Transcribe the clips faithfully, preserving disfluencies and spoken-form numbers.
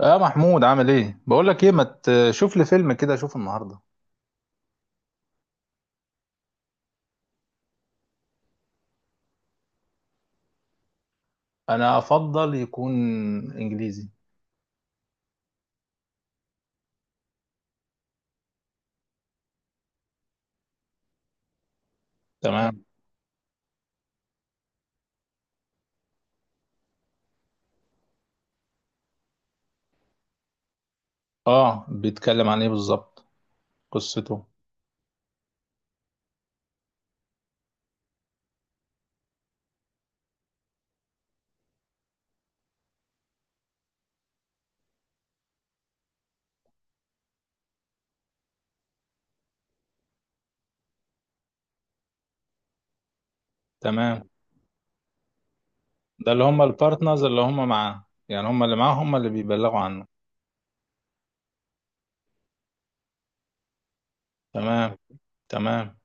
يا محمود، عامل ايه؟ بقول لك ايه، ما تشوف لي فيلم كده اشوف النهارده. انا افضل يكون انجليزي. تمام. اه، بيتكلم عن ايه بالظبط؟ قصته. تمام. ده اللي هم البارتنرز اللي هم معاه، يعني هم اللي معاه هم اللي بيبلغوا عنه. تمام، تمام.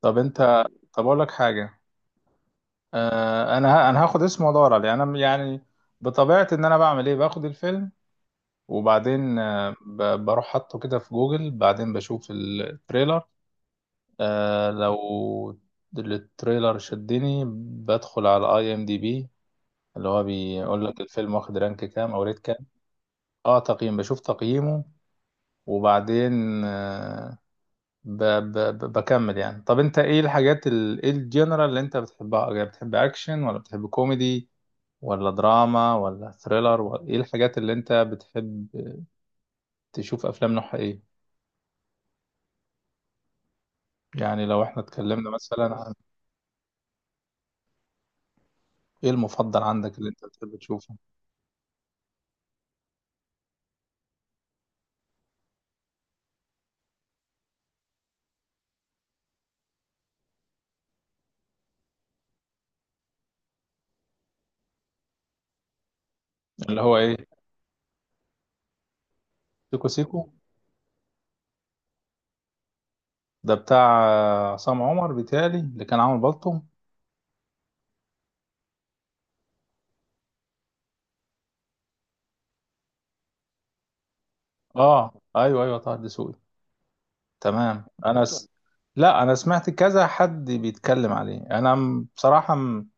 طب انت طب اقول لك حاجه. آه انا ه... انا هاخد اسمه وادور عليه، انا يعني بطبيعتي، ان انا بعمل ايه، باخد الفيلم وبعدين، آه، ب- بروح حاطه كده في جوجل، بعدين بشوف التريلر. آه لو التريلر شدني، بدخل على اي ام دي بي، اللي هو بيقول لك الفيلم واخد رانك كام او ريت كام. اه، تقييم، بشوف تقييمه. وبعدين آه ب ب ب بكمل يعني. طب انت ايه الحاجات، ال- ايه الجنرال اللي انت بتحبها؟ يعني بتحب اكشن ولا بتحب كوميدي ولا دراما ولا ثريلر؟ ولا ايه الحاجات اللي انت بتحب تشوف افلام نوعها ايه؟ يعني لو احنا اتكلمنا مثلا عن ايه المفضل عندك اللي انت بتحب تشوفه. اللي هو ايه؟ سيكو سيكو. ده بتاع آه، عصام عمر، بيتهيألي اللي كان عامل بالطو. اه، ايوه ايوه، طه الدسوقي. تمام. انا س... لا، انا سمعت كذا حد بيتكلم عليه. انا م- بصراحة، م-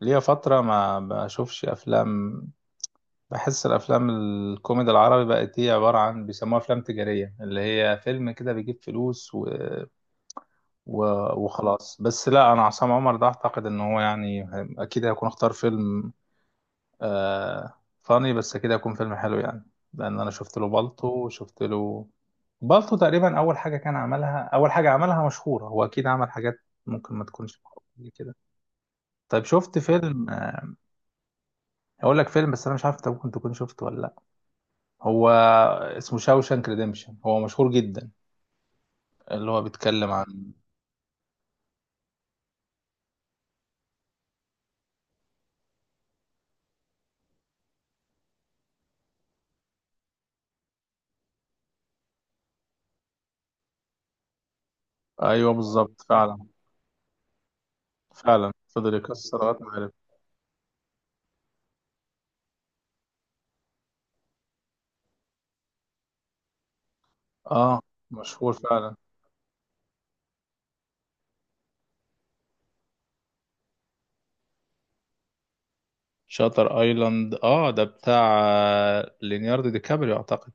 ليا فترة ما بشوفش افلام. بحس الافلام الكوميدي العربي بقت هي عبارة عن بيسموها افلام تجارية، اللي هي فيلم كده بيجيب فلوس و... و... وخلاص. بس لا، انا عصام عمر ده اعتقد ان هو يعني اكيد هيكون اختار فيلم آه فاني بس كده يكون فيلم حلو يعني. لان انا شفت له بالطو وشفت له بالطو، تقريبا اول حاجه كان عملها، اول حاجه عملها مشهوره، هو اكيد عمل حاجات ممكن ما تكونش معروفه زي كده. طيب، شفت فيلم، آه، اقول لك فيلم، بس انا مش عارف انت ممكن تكون شفته ولا لا. هو اسمه شاوشانك ريديمشن، هو مشهور جدا. اللي هو بيتكلم عن... ايوه، بالظبط، فعلا. فعلا فضل يكسر لغايه ما عرف. اه، مشهور فعلا. شاتر ايلاند، اه، ده بتاع آه، ليوناردو دي كابريو اعتقد.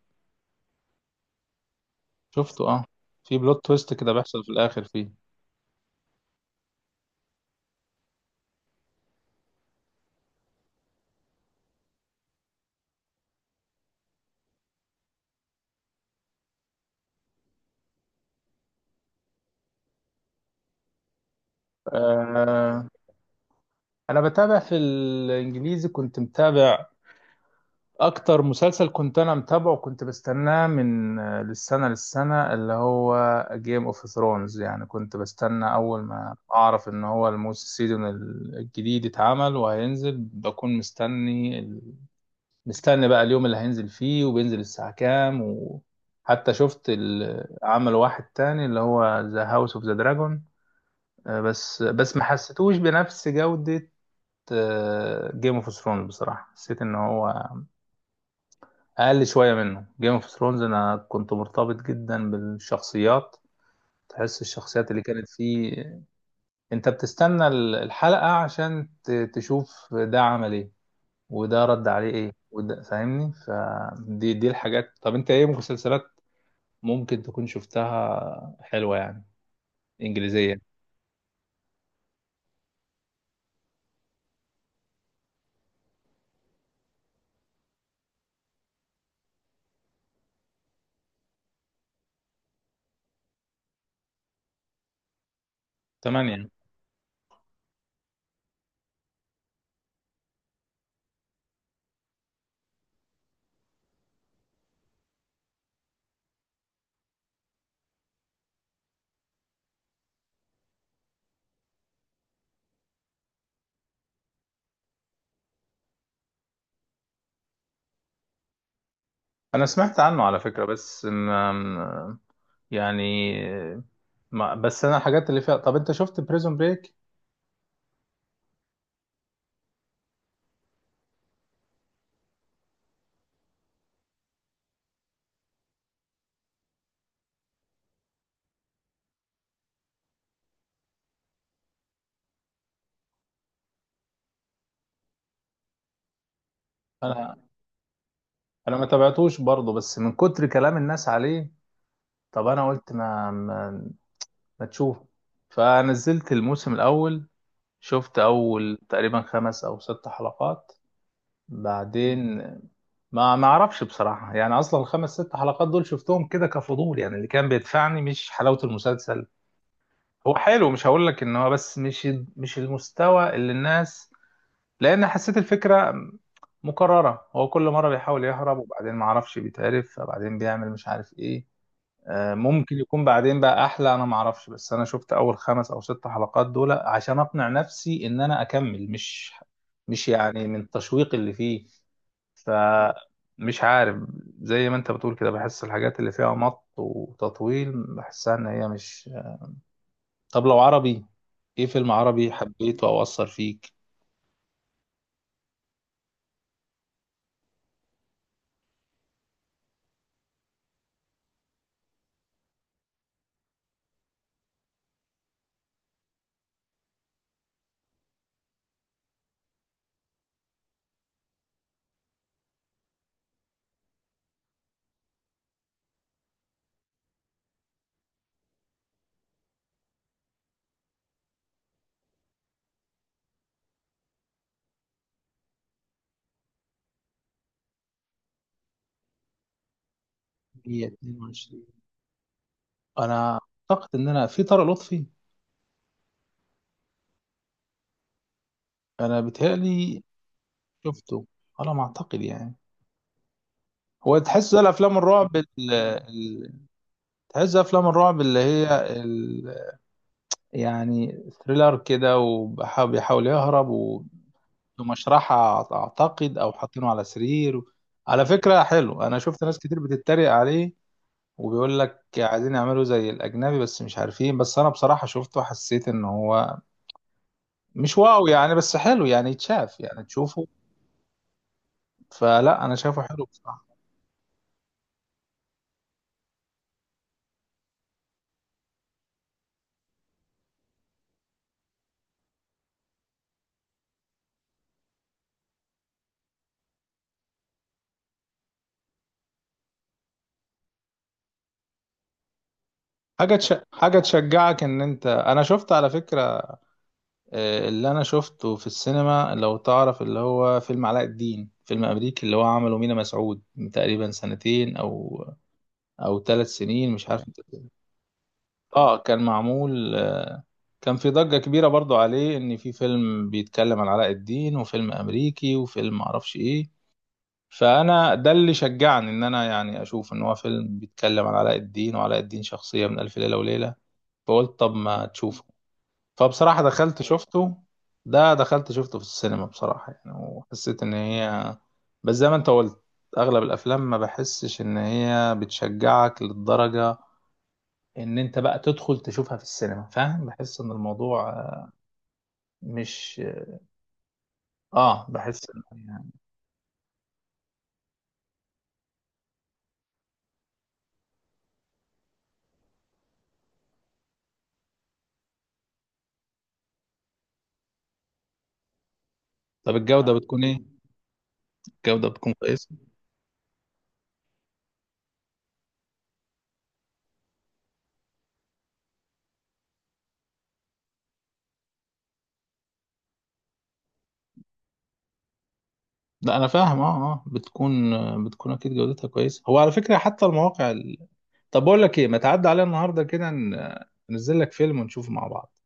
شفته، اه. في بلوت تويست كده بيحصل في الاخر فيه. آه انا بتابع في الانجليزي، كنت متابع اكتر مسلسل، كنت انا متابعه، كنت بستناه من آه، للسنه للسنه، اللي هو جيم اوف ثرونز. يعني كنت بستنى اول ما اعرف ان هو الموسم، السيزون الجديد اتعمل وهينزل، بكون مستني ال... مستني بقى اليوم اللي هينزل فيه وبينزل الساعه كام. وحتى شفت ال... عمل واحد تاني اللي هو ذا هاوس اوف ذا دراجون، آه، بس بس ما حسيتوش بنفس جودة جيم اوف ثرونز. بصراحة حسيت ان هو اقل شوية منه. جيم اوف ثرونز، انا كنت مرتبط جدا بالشخصيات، تحس الشخصيات اللي كانت فيه، انت بتستنى ال- الحلقة عشان ت- تشوف ده عمل ايه وده رد عليه ايه وده، فاهمني؟ فدي دي الحاجات. طب انت ايه مسلسلات ممكن تكون شفتها حلوة يعني، انجليزية؟ تمام يعني. انا سمعت عنه على فكرة، بس يعني، ما بس انا الحاجات اللي فيها. طب انت شفت بريزون بريك؟ انا انا ما تابعتوش برضه، بس من كتر كلام الناس عليه، طب انا قلت ما ما, ما تشوف. فنزلت الموسم الاول، شفت اول تقريبا خمس او ست حلقات. بعدين ما ما اعرفش بصراحة، يعني اصلا الخمس ست حلقات دول شفتهم كده كفضول يعني، اللي كان بيدفعني مش حلاوة المسلسل. هو حلو، مش هقول لك ان هو، بس مش مش المستوى اللي الناس... لان حسيت الفكره مكرره، هو كل مره بيحاول يهرب وبعدين ما اعرفش بيتعرف، فبعدين بيعمل مش عارف ايه. آه، ممكن يكون بعدين بقى احلى، انا ما اعرفش، بس انا شفت اول خمس او ست حلقات دول عشان اقنع نفسي ان انا اكمل، مش مش يعني من التشويق اللي فيه، فمش عارف. زي ما انت بتقول كده، بحس الحاجات اللي فيها مط وتطويل، بحسها ان هي مش... طب لو عربي، ايه فيلم عربي حبيته او اثر فيك؟ مية واتنين وعشرين. انا اعتقد ان انا، في طارق لطفي، انا بيتهيألي شفته على ما اعتقد يعني. هو تحس ده الافلام الرعب ال... ال... تحس ده افلام الرعب اللي هي، ال... يعني ثريلر كده، وبيحاول يهرب، ومشرحة اعتقد، او حاطينه على سرير. على فكرة حلو، انا شفت ناس كتير بتتريق عليه، وبيقول لك عايزين يعملوا زي الاجنبي بس مش عارفين، بس انا بصراحة شفته حسيت ان هو مش واو يعني، بس حلو يعني يتشاف، يعني تشوفه. فلا، انا شايفه حلو بصراحه. حاجه تش... حاجه تشجعك ان انت... انا شفت على فكره، آه، اللي انا شفته في السينما، لو تعرف، اللي هو فيلم علاء الدين، فيلم امريكي، اللي هو عمله مينا مسعود من تقريبا سنتين او او ثلاث سنين، مش عارف. اه، كان معمول، آه، كان في ضجه كبيره برضو عليه، ان في فيلم بيتكلم عن علاء الدين، وفيلم امريكي، وفيلم معرفش ايه. فانا ده اللي شجعني ان انا يعني اشوف ان هو فيلم بيتكلم عن علاء الدين، وعلاء الدين شخصيه من الف ليله وليله. فقلت طب ما تشوفه. فبصراحة دخلت شفته، ده دخلت شفته في السينما بصراحة يعني، وحسيت إن هي، بس زي ما أنت قلت، أغلب الأفلام ما بحسش إن هي بتشجعك للدرجة إن أنت بقى تدخل تشوفها في السينما، فاهم؟ بحس إن الموضوع، آه، مش... آه بحس إن، يعني، طب الجودة بتكون إيه؟ الجودة بتكون كويسة؟ لا، أنا فاهم. آه آه بتكون، آه، بتكون أكيد جودتها كويسة. هو على فكرة حتى المواقع... طب بقول لك ايه، ما تعدي عليا النهارده كده ن- ننزل لك فيلم ونشوفه مع بعض.